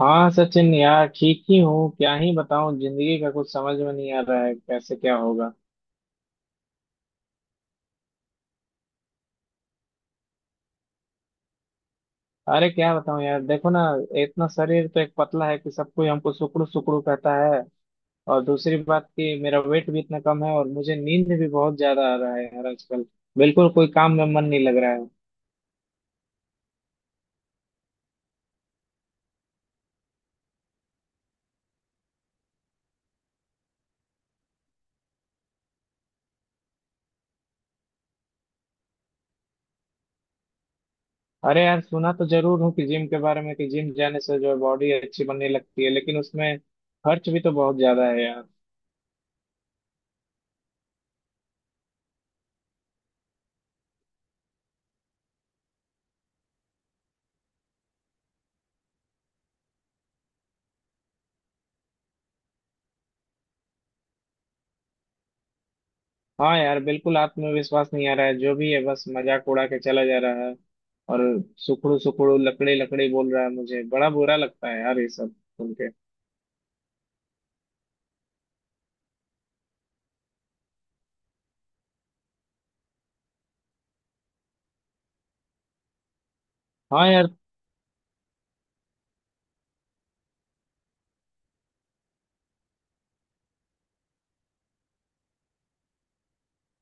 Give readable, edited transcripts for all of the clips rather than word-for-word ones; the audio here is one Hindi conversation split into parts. हाँ सचिन यार ठीक ही हूँ। क्या ही बताऊँ? जिंदगी का कुछ समझ में नहीं आ रहा है, कैसे क्या होगा। अरे क्या बताऊँ यार, देखो ना। इतना शरीर तो एक पतला है कि सब कोई हमको सुकड़ू सुकड़ू कहता है। और दूसरी बात कि मेरा वेट भी इतना कम है और मुझे नींद भी बहुत ज्यादा आ रहा है यार आजकल। बिल्कुल कोई काम में मन नहीं लग रहा है। अरे यार, सुना तो जरूर हूँ कि जिम के बारे में, कि जिम जाने से जो बॉडी अच्छी बनने लगती है, लेकिन उसमें खर्च भी तो बहुत ज्यादा है यार। हाँ यार, बिल्कुल आत्मविश्वास नहीं आ रहा है, जो भी है बस मजाक उड़ा के चला जा रहा है। और सुखड़ू सुखड़ू लकड़ी लकड़ी बोल रहा है, मुझे बड़ा बुरा लगता है यार ये सब सुन के। हाँ यार।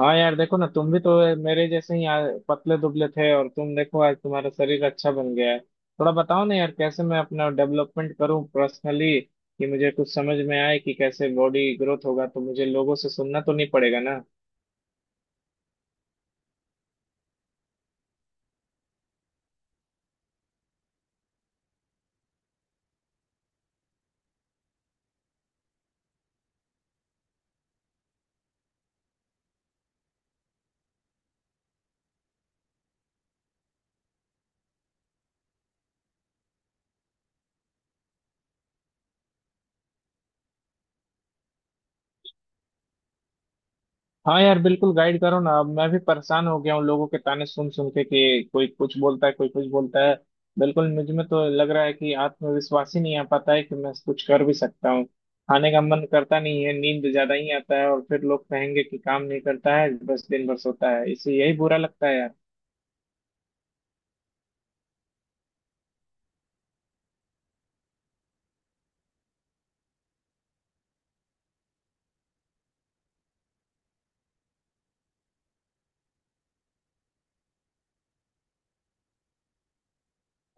हाँ यार, देखो ना, तुम भी तो मेरे जैसे ही यार पतले दुबले थे, और तुम देखो आज तुम्हारा शरीर अच्छा बन गया है। थोड़ा बताओ ना यार कैसे मैं अपना डेवलपमेंट करूँ पर्सनली, कि मुझे कुछ समझ में आए कि कैसे बॉडी ग्रोथ होगा, तो मुझे लोगों से सुनना तो नहीं पड़ेगा ना। हाँ यार, बिल्कुल गाइड करो ना, अब मैं भी परेशान हो गया हूँ लोगों के ताने सुन सुन के, कि कोई कुछ बोलता है, कोई कुछ बोलता है। बिल्कुल मुझ में तो लग रहा है कि आत्मविश्वास ही नहीं आ पाता है कि मैं कुछ कर भी सकता हूँ। खाने का मन करता नहीं है, नींद ज्यादा ही आता है, और फिर लोग कहेंगे कि काम नहीं करता है बस दिन भर सोता है, इसे यही बुरा लगता है यार।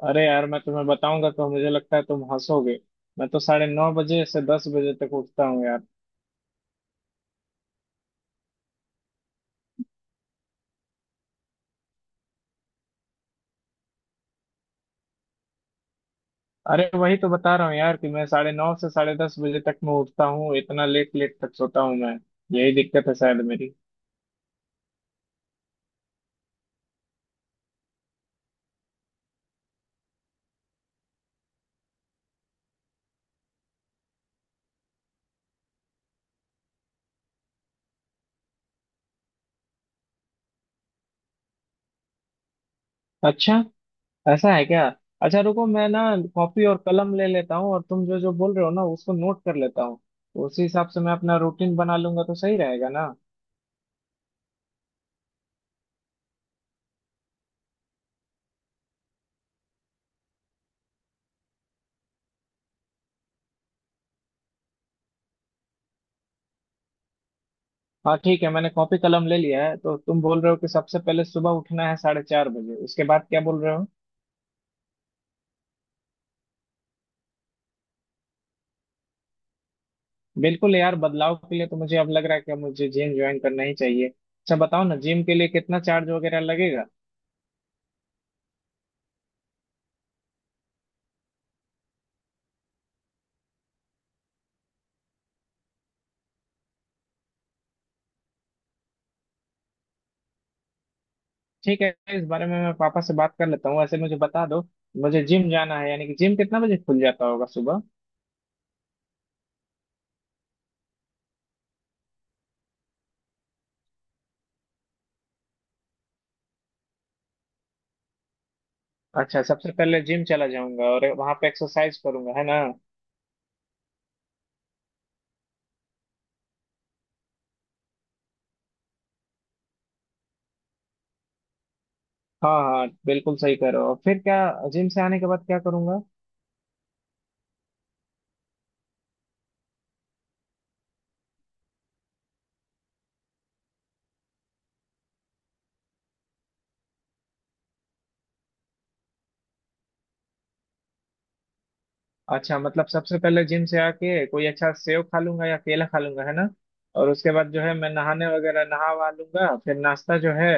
अरे यार मैं तुम्हें बताऊंगा तो मुझे लगता है तुम हंसोगे। मैं तो 9:30 बजे से 10 बजे तक उठता हूँ यार। अरे, वही तो बता रहा हूँ यार, कि मैं 9:30 से 10:30 बजे तक मैं उठता हूँ, इतना लेट लेट तक सोता हूँ मैं। यही दिक्कत है शायद मेरी। अच्छा, ऐसा है क्या? अच्छा रुको, मैं ना कॉपी और कलम ले लेता हूँ और तुम जो जो बोल रहे हो ना उसको नोट कर लेता हूँ। उसी हिसाब से मैं अपना रूटीन बना लूंगा तो सही रहेगा ना। हाँ ठीक है, मैंने कॉपी कलम ले लिया है, तो तुम बोल रहे हो कि सबसे पहले सुबह उठना है 4:30 बजे, उसके बाद क्या बोल रहे हो? बिल्कुल यार, बदलाव के लिए तो मुझे अब लग रहा है कि मुझे जिम ज्वाइन करना ही चाहिए। अच्छा, बताओ ना जिम के लिए कितना चार्ज वगैरह लगेगा। ठीक है, इस बारे में मैं पापा से बात कर लेता हूँ, वैसे मुझे बता दो, मुझे जिम जाना है, यानी कि जिम कितना बजे खुल जाता होगा सुबह। अच्छा सबसे पहले जिम चला जाऊंगा और वहां पे एक्सरसाइज करूंगा, है ना? हाँ हाँ बिल्कुल सही करो, और फिर क्या? जिम से आने के बाद क्या करूंगा? अच्छा, मतलब सबसे पहले जिम से आके कोई अच्छा सेव खा लूंगा या केला खा लूंगा, है ना? और उसके बाद जो है मैं नहाने वगैरह नहा वहा लूंगा, फिर नाश्ता जो है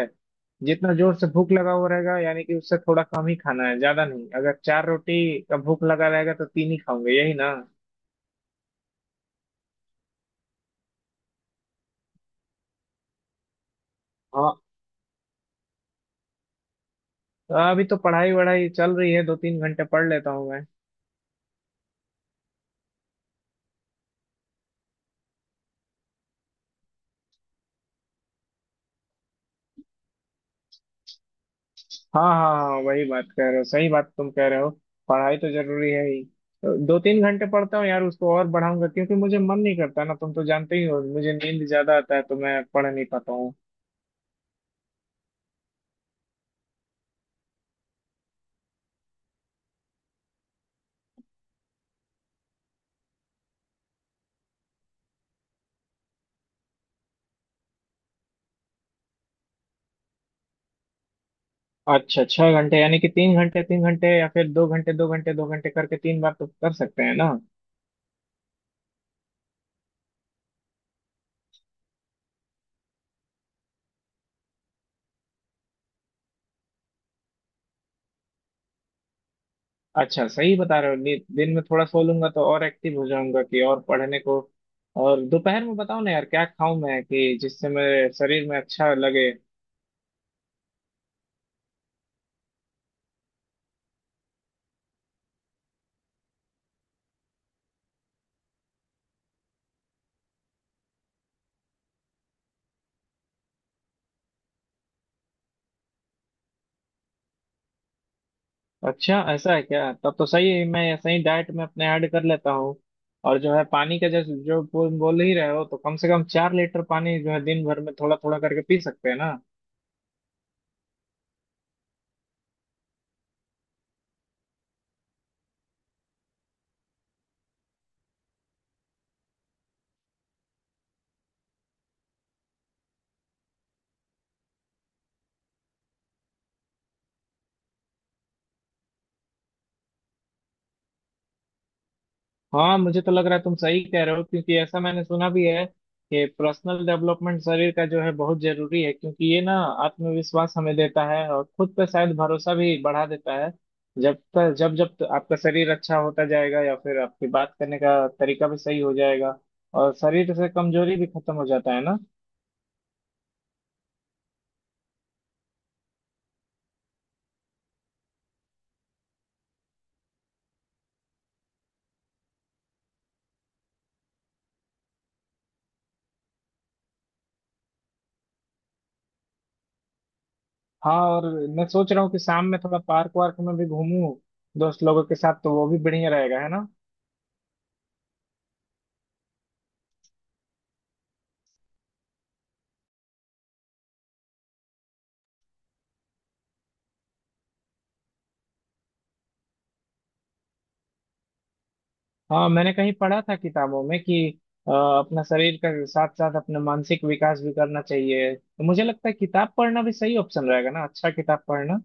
जितना जोर से भूख लगा हुआ रहेगा यानी कि उससे थोड़ा कम ही खाना है, ज्यादा नहीं। अगर चार रोटी का भूख लगा रहेगा तो तीन ही खाऊंगे, यही ना? हाँ, तो अभी तो पढ़ाई वढ़ाई चल रही है, 2-3 घंटे पढ़ लेता हूँ मैं। हाँ हाँ हाँ, वही बात कह रहे हो, सही बात तुम कह रहे हो। पढ़ाई तो जरूरी है ही, 2-3 घंटे पढ़ता हूँ यार, उसको और बढ़ाऊंगा, क्योंकि मुझे मन नहीं करता ना, तुम तो जानते ही हो मुझे नींद ज्यादा आता है तो मैं पढ़ नहीं पाता हूँ। अच्छा 6 घंटे, यानी कि 3 घंटे 3 घंटे या फिर 2 घंटे 2 घंटे 2 घंटे करके तीन बार तो कर सकते हैं ना। अच्छा सही बता रहे हो। दिन में थोड़ा सो लूंगा तो और एक्टिव हो जाऊंगा कि और पढ़ने को। और दोपहर में बताओ ना यार क्या खाऊं मैं कि जिससे मेरे शरीर में अच्छा लगे। अच्छा ऐसा है क्या, तब तो सही है, मैं ये सही डाइट में अपने ऐड कर लेता हूँ। और जो है पानी का, जैसे जो बोल बोल ही रहे हो, तो कम से कम 4 लीटर पानी जो है दिन भर में थोड़ा थोड़ा करके पी सकते हैं ना। हाँ मुझे तो लग रहा है तुम सही कह रहे हो, क्योंकि ऐसा मैंने सुना भी है कि पर्सनल डेवलपमेंट शरीर का जो है बहुत जरूरी है, क्योंकि ये ना आत्मविश्वास हमें देता है और खुद पे शायद भरोसा भी बढ़ा देता है। जब तक आपका शरीर अच्छा होता जाएगा या फिर आपकी बात करने का तरीका भी सही हो जाएगा, और शरीर से कमजोरी भी खत्म हो जाता है ना। हाँ, और मैं सोच रहा हूँ कि शाम में थोड़ा पार्क वार्क में भी घूमूं दोस्त लोगों के साथ, तो वो भी बढ़िया रहेगा, है ना। हाँ, मैंने कहीं पढ़ा था किताबों में कि अपना शरीर का साथ साथ अपना मानसिक विकास भी करना चाहिए, तो मुझे लगता है किताब पढ़ना भी सही ऑप्शन रहेगा ना, अच्छा किताब पढ़ना।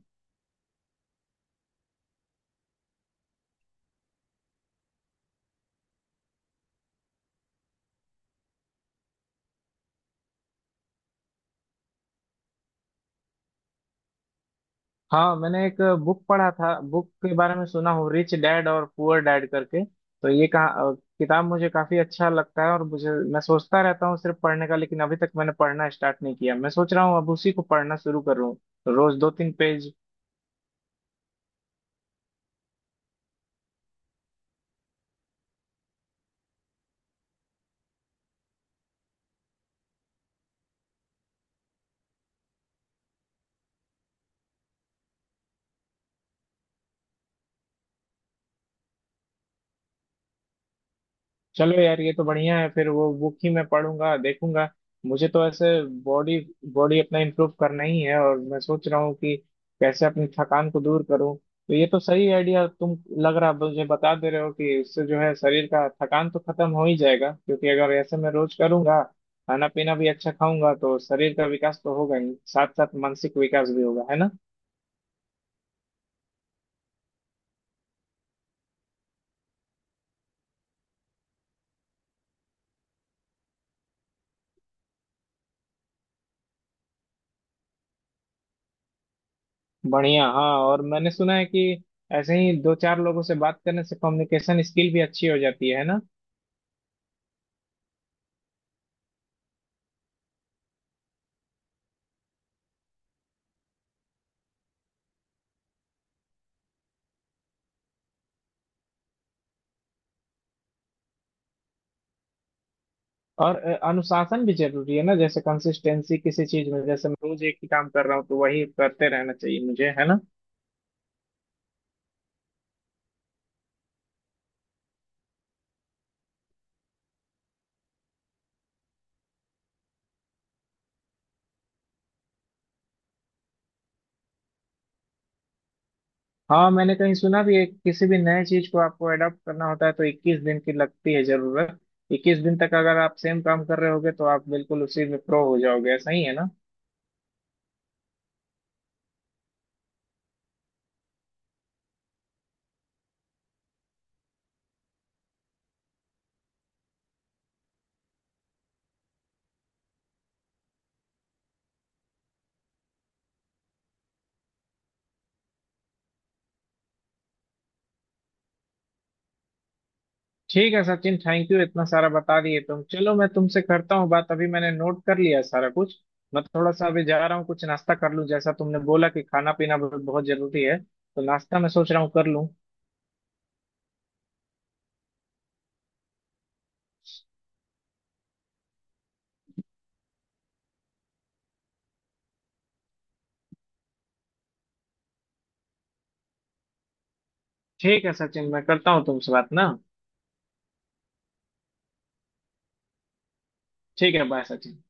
हाँ, मैंने एक बुक पढ़ा था, बुक के बारे में सुना हूँ रिच डैड और पुअर डैड करके, तो किताब मुझे काफी अच्छा लगता है और मुझे मैं सोचता रहता हूँ सिर्फ पढ़ने का, लेकिन अभी तक मैंने पढ़ना स्टार्ट नहीं किया। मैं सोच रहा हूँ अब उसी को पढ़ना शुरू करूँ, रोज 2-3 पेज। चलो यार, ये तो बढ़िया है, फिर वो बुक ही मैं पढ़ूंगा देखूंगा। मुझे तो ऐसे बॉडी बॉडी अपना इम्प्रूव करना ही है, और मैं सोच रहा हूँ कि कैसे अपनी थकान को दूर करूँ। तो ये तो सही आइडिया तुम लग रहा मुझे बता दे रहे हो कि इससे जो है शरीर का थकान तो खत्म हो ही जाएगा, क्योंकि अगर ऐसे मैं रोज करूंगा, खाना पीना भी अच्छा खाऊंगा तो शरीर का विकास तो होगा ही, साथ साथ मानसिक विकास भी होगा, है ना। बढ़िया, हाँ। और मैंने सुना है कि ऐसे ही दो चार लोगों से बात करने से कम्युनिकेशन स्किल भी अच्छी हो जाती है ना? और अनुशासन भी जरूरी है ना, जैसे कंसिस्टेंसी किसी चीज में, जैसे मैं रोज एक ही काम कर रहा हूँ तो वही करते रहना चाहिए मुझे, है ना? हाँ मैंने कहीं सुना भी है कि किसी भी नए चीज को आपको एडॉप्ट करना होता है तो 21 दिन की लगती है जरूरत। 21 दिन तक अगर आप सेम काम कर रहे होगे तो आप बिल्कुल उसी में प्रो हो जाओगे, ऐसा ही है ना। ठीक है सचिन, थैंक यू इतना सारा बता दिए तुम। चलो मैं तुमसे करता हूँ बात, अभी मैंने नोट कर लिया है सारा कुछ। मैं थोड़ा सा अभी जा रहा हूँ कुछ नाश्ता कर लूँ, जैसा तुमने बोला कि खाना पीना बहुत बहुत जरूरी है, तो नाश्ता मैं सोच रहा हूँ कर लूँ। ठीक है सचिन, मैं करता हूँ तुमसे बात ना। ठीक है, बाय सचिन।